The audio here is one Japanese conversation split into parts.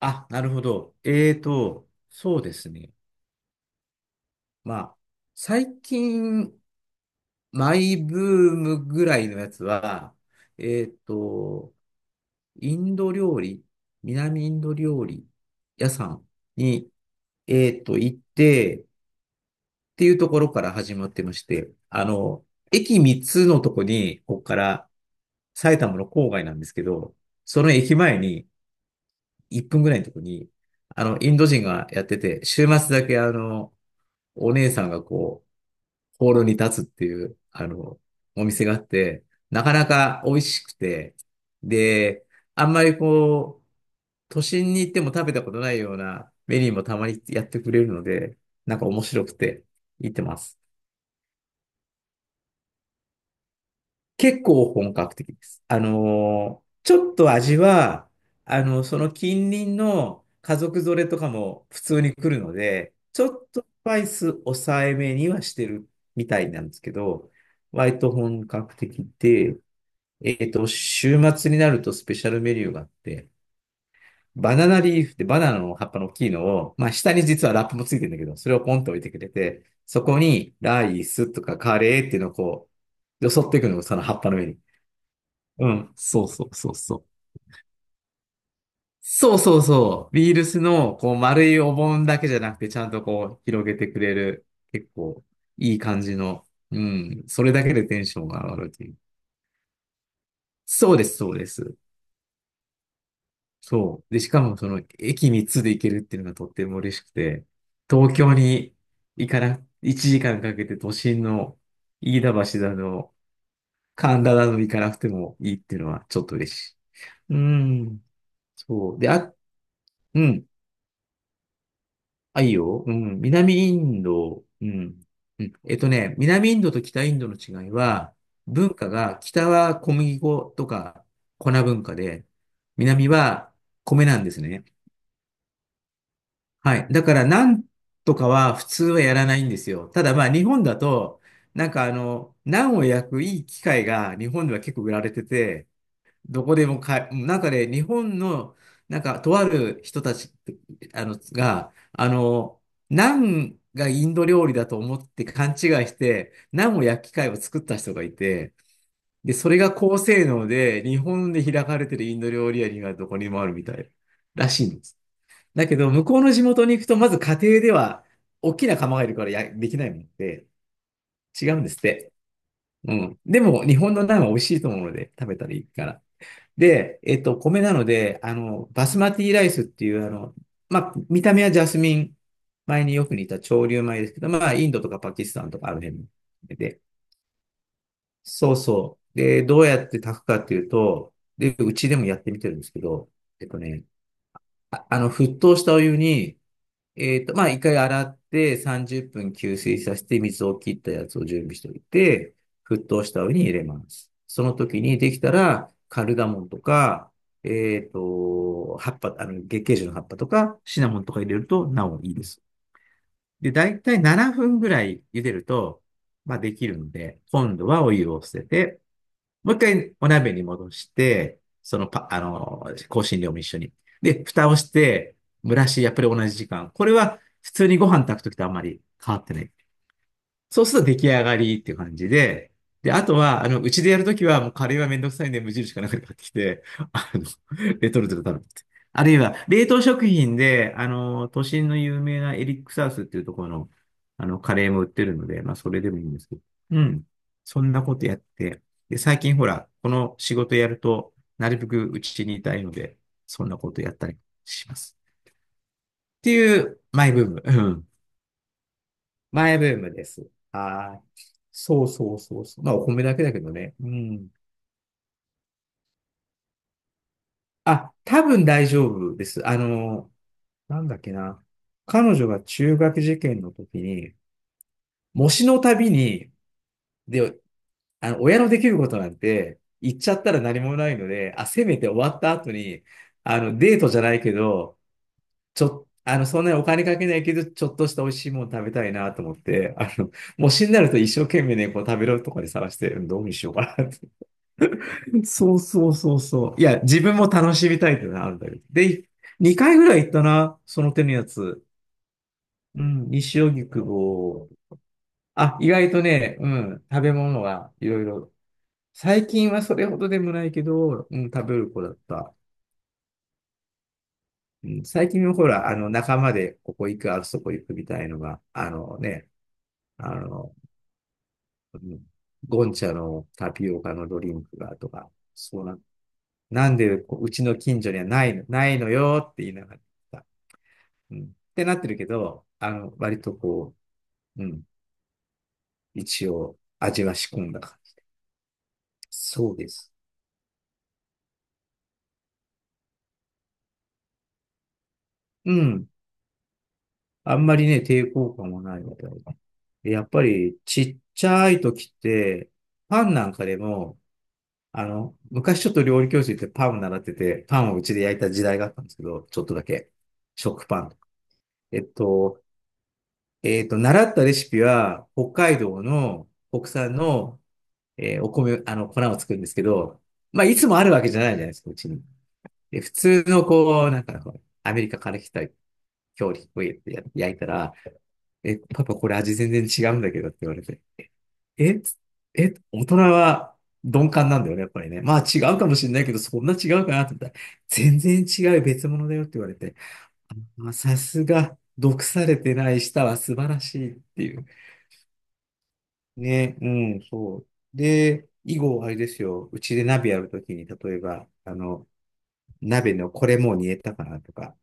あ、なるほど。そうですね。まあ、最近、マイブームぐらいのやつは、えーと、インド料理、南インド料理屋さんに、行って、っていうところから始まってまして、駅3つのとこに、ここから埼玉の郊外なんですけど、その駅前に、1分ぐらいのとこに、インド人がやってて、週末だけお姉さんがこう、ホールに立つっていう、お店があって、なかなか美味しくて、で、あんまりこう、都心に行っても食べたことないようなメニューもたまにやってくれるので、なんか面白くて、行ってます。結構本格的です。ちょっと味は、その近隣の家族連れとかも普通に来るので、ちょっとスパイス抑えめにはしてるみたいなんですけど、割と本格的で、週末になるとスペシャルメニューがあって、バナナリーフってバナナの葉っぱの大きいのを、まあ下に実はラップもついてるんだけど、それをポンと置いてくれて、そこにライスとかカレーっていうのをこう、よそっていくのがその葉っぱの上に。うん、そうそうそうそう。そうそうそう。ビールスの、こう、丸いお盆だけじゃなくて、ちゃんとこう、広げてくれる、結構、いい感じの、うん、それだけでテンションが上がるという。そうです、そうです。そう。で、しかも、その、駅3つで行けるっていうのがとっても嬉しくて、東京に行かな、1時間かんかけて都心の、飯田橋だの、神田だの行かなくてもいいっていうのは、ちょっと嬉しい。うん。そう。で、あ、うん。あ、いいよ。うん。南インド、うん。うん。南インドと北インドの違いは、文化が、北は小麦粉とか粉文化で、南は米なんですね。はい。だから、なんとかは普通はやらないんですよ。ただ、まあ、日本だと、なんかナンを焼くいい機械が日本では結構売られてて、どこでもかなんかね、日本の、なんか、とある人たち、が、ナンがインド料理だと思って勘違いして、ナンを焼き貝を作った人がいて、で、それが高性能で、日本で開かれてるインド料理屋にはどこにもあるみたいらしいんです。だけど、向こうの地元に行くと、まず家庭では、大きな釜がいるからや、できないもんで、違うんですって。うん。でも、日本のナンは美味しいと思うので、食べたらいいから。で、米なので、バスマティライスっていう、まあ、見た目はジャスミン米によく似た潮流米ですけど、まあ、インドとかパキスタンとかある辺で、そうそう。で、どうやって炊くかっていうと、で、うちでもやってみてるんですけど、えっとね、沸騰したお湯に、まあ、一回洗って30分吸水させて水を切ったやつを準備しておいて、沸騰したお湯に入れます。その時にできたら、カルダモンとか、葉っぱ、月桂樹の葉っぱとか、シナモンとか入れるとなおいいです。で、だいたい7分ぐらい茹でると、まあ、できるので、今度はお湯を捨てて、もう一回お鍋に戻して、そのパ、あの、香辛料も一緒に。で、蓋をして、蒸らし、やっぱり同じ時間。これは普通にご飯炊くときとあんまり変わってない。そうすると出来上がりっていう感じで、で、あとは、うちでやるときは、もうカレーはめんどくさいんで、無印かなんかで買ってきて、あの、レトルトで食べて。あるいは、冷凍食品で、都心の有名なエリックサウスっていうところの、カレーも売ってるので、まあ、それでもいいんですけど。うん。そんなことやって。で、最近ほら、この仕事やると、なるべくうちにいたいので、そんなことやったりします。っていう、マイブーム。うん、前ブームです。はい。そうそうそうそう。まあ、お米だけだけどね。うん。あ、多分大丈夫です。なんだっけな。彼女が中学受験の時に、模試のたびに、で、親のできることなんて、言っちゃったら何もないので、あ、せめて終わった後に、デートじゃないけど、ちょ、あの、そんなにお金かけないけど、ちょっとした美味しいもの食べたいなと思って、模試になると一生懸命ね、こう食べるとこで探して、どうにしようかなって。そうそうそうそう。いや、自分も楽しみたいっていうのはあるんだけど。で、2回ぐらい行ったな、その手のやつ。うん、西荻窪。あ、意外とね、うん、食べ物がいろいろ。最近はそれほどでもないけど、うん、食べる子だった。うん、最近はほら、仲間でここ行く、あそこ行くみたいのが、あのね、あの、うん、ゴンチャのタピオカのドリンクがとか、そうな、なんでこううちの近所にはないの、ないのよって言いながら。うんってなってるけど、割とこう、うん、一応味は仕込んだ感じ。そうです。うん。あんまりね、抵抗感もないみたいな。でやっぱりちっちゃい時って、パンなんかでも、昔ちょっと料理教室行ってパンを習ってて、パンをうちで焼いた時代があったんですけど、ちょっとだけ。食パン。えっと、習ったレシピは、北海道の国産のお米、粉を作るんですけど、まあ、いつもあるわけじゃないじゃないですか、うちに。で、普通のこう、なんかこう、アメリカから来た料理をや焼いたら、え、パパこれ味全然違うんだけどって言われて、え、つえ、大人は鈍感なんだよね、やっぱりね。まあ違うかもしれないけど、そんな違うかなって言ったら、全然違う別物だよって言われて、まあ、さすが、毒されてない舌は素晴らしいっていう。ね、うん、そう。で、以後、あれですよ。うちで鍋やるときに、例えば、鍋のこれもう煮えたかなとか、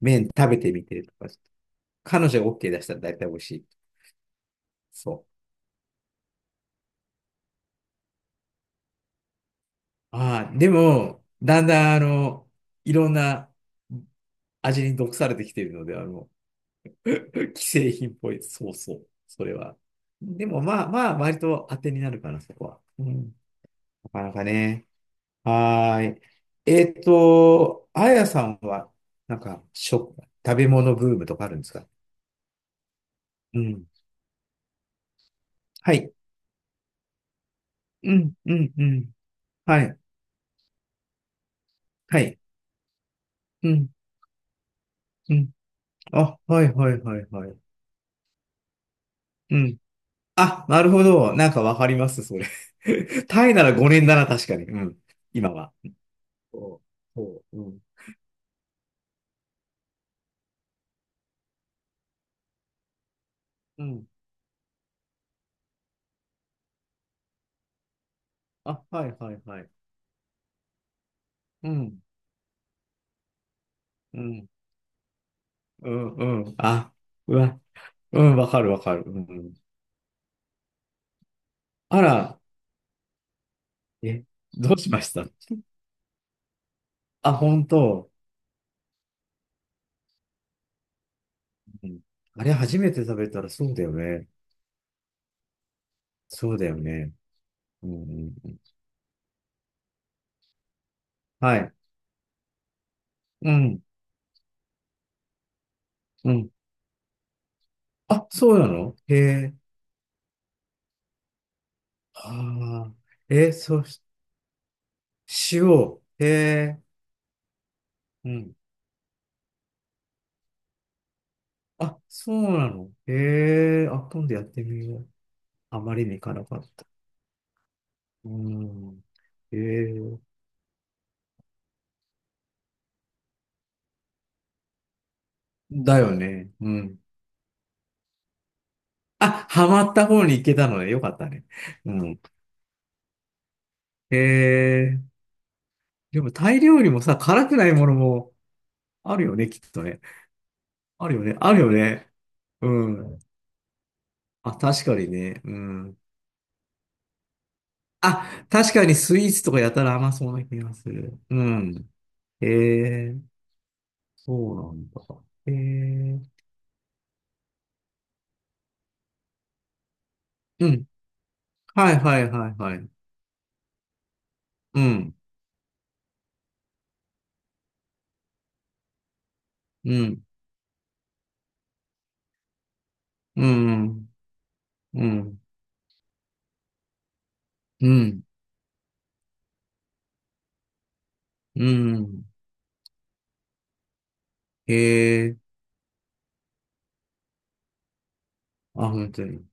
麺食べてみてとか、彼女が OK 出したら大体美味しい。そう。ああ、でも、だんだん、いろんな味に毒されてきているので、既製品っぽい。そうそう。それは。でも、まあまあ、割と当てになるかな、そこは。うん。なかなかね。はーい。あやさんは、なんか、食べ物ブームとかあるんですか？うん。はい。うん、うん、うん。はい。はい。うん、うん。あ、はい、はい、はい、はい。うん。あ、なるほど。なんかわかります、それ。タイなら5年だな、確かに。うん。今は。そう、そう、うん。うん。あ、はい、はい、はい。うん、うん、うん、うん。あ、うわ、うん、わかる、わかる。うん。あら、え、どうしました？あ、本当。うん、あれ初めて食べたらそうだよね。そうだよね。うんうんうん、はい。うん。うん。あ、そうなの。へえ。ああ。え、そう、塩。へえ。うん。あ、そうなの。へえ。あ、今度やってみよう。あまりに行かなかった。うん。へえ。だよね。うん。あ、ハマった方に行けたのね。よかったね。うん。へえ。でもタイ料理もさ、辛くないものも、あるよね、きっとね。あるよね、あるよね。うん。あ、確かにね。うん。あ、確かにスイーツとかやたら甘そうな気がする。うん。えー、そうなんだ。えー、うん。はいはいはいはい。うん。うん。うん。うん。うん。うん。ええー、あ、本当に。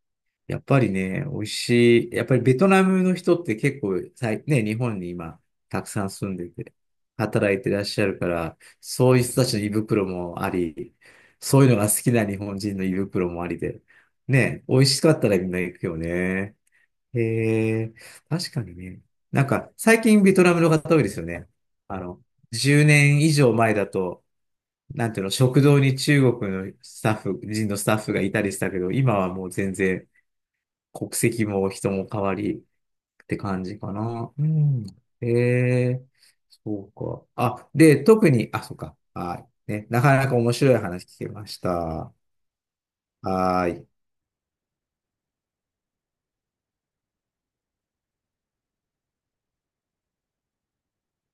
やっぱりね、美味しい。やっぱりベトナムの人って結構、さいね、日本に今、たくさん住んでて、働いてらっしゃるから、そういう人たちの胃袋もあり、そういうのが好きな日本人の胃袋もありで、ね、美味しかったらみんな行くよね。へえ、確かにね。なんか、最近ベトナムの方多いですよね。あの、10年以上前だと、なんていうの、食堂に中国のスタッフ、人のスタッフがいたりしたけど、今はもう全然、国籍も人も変わりって感じかな。うん。ええ、そうか。あ、で、特に、あ、そうか。はい。ね、なかなか面白い話聞けました。はーい。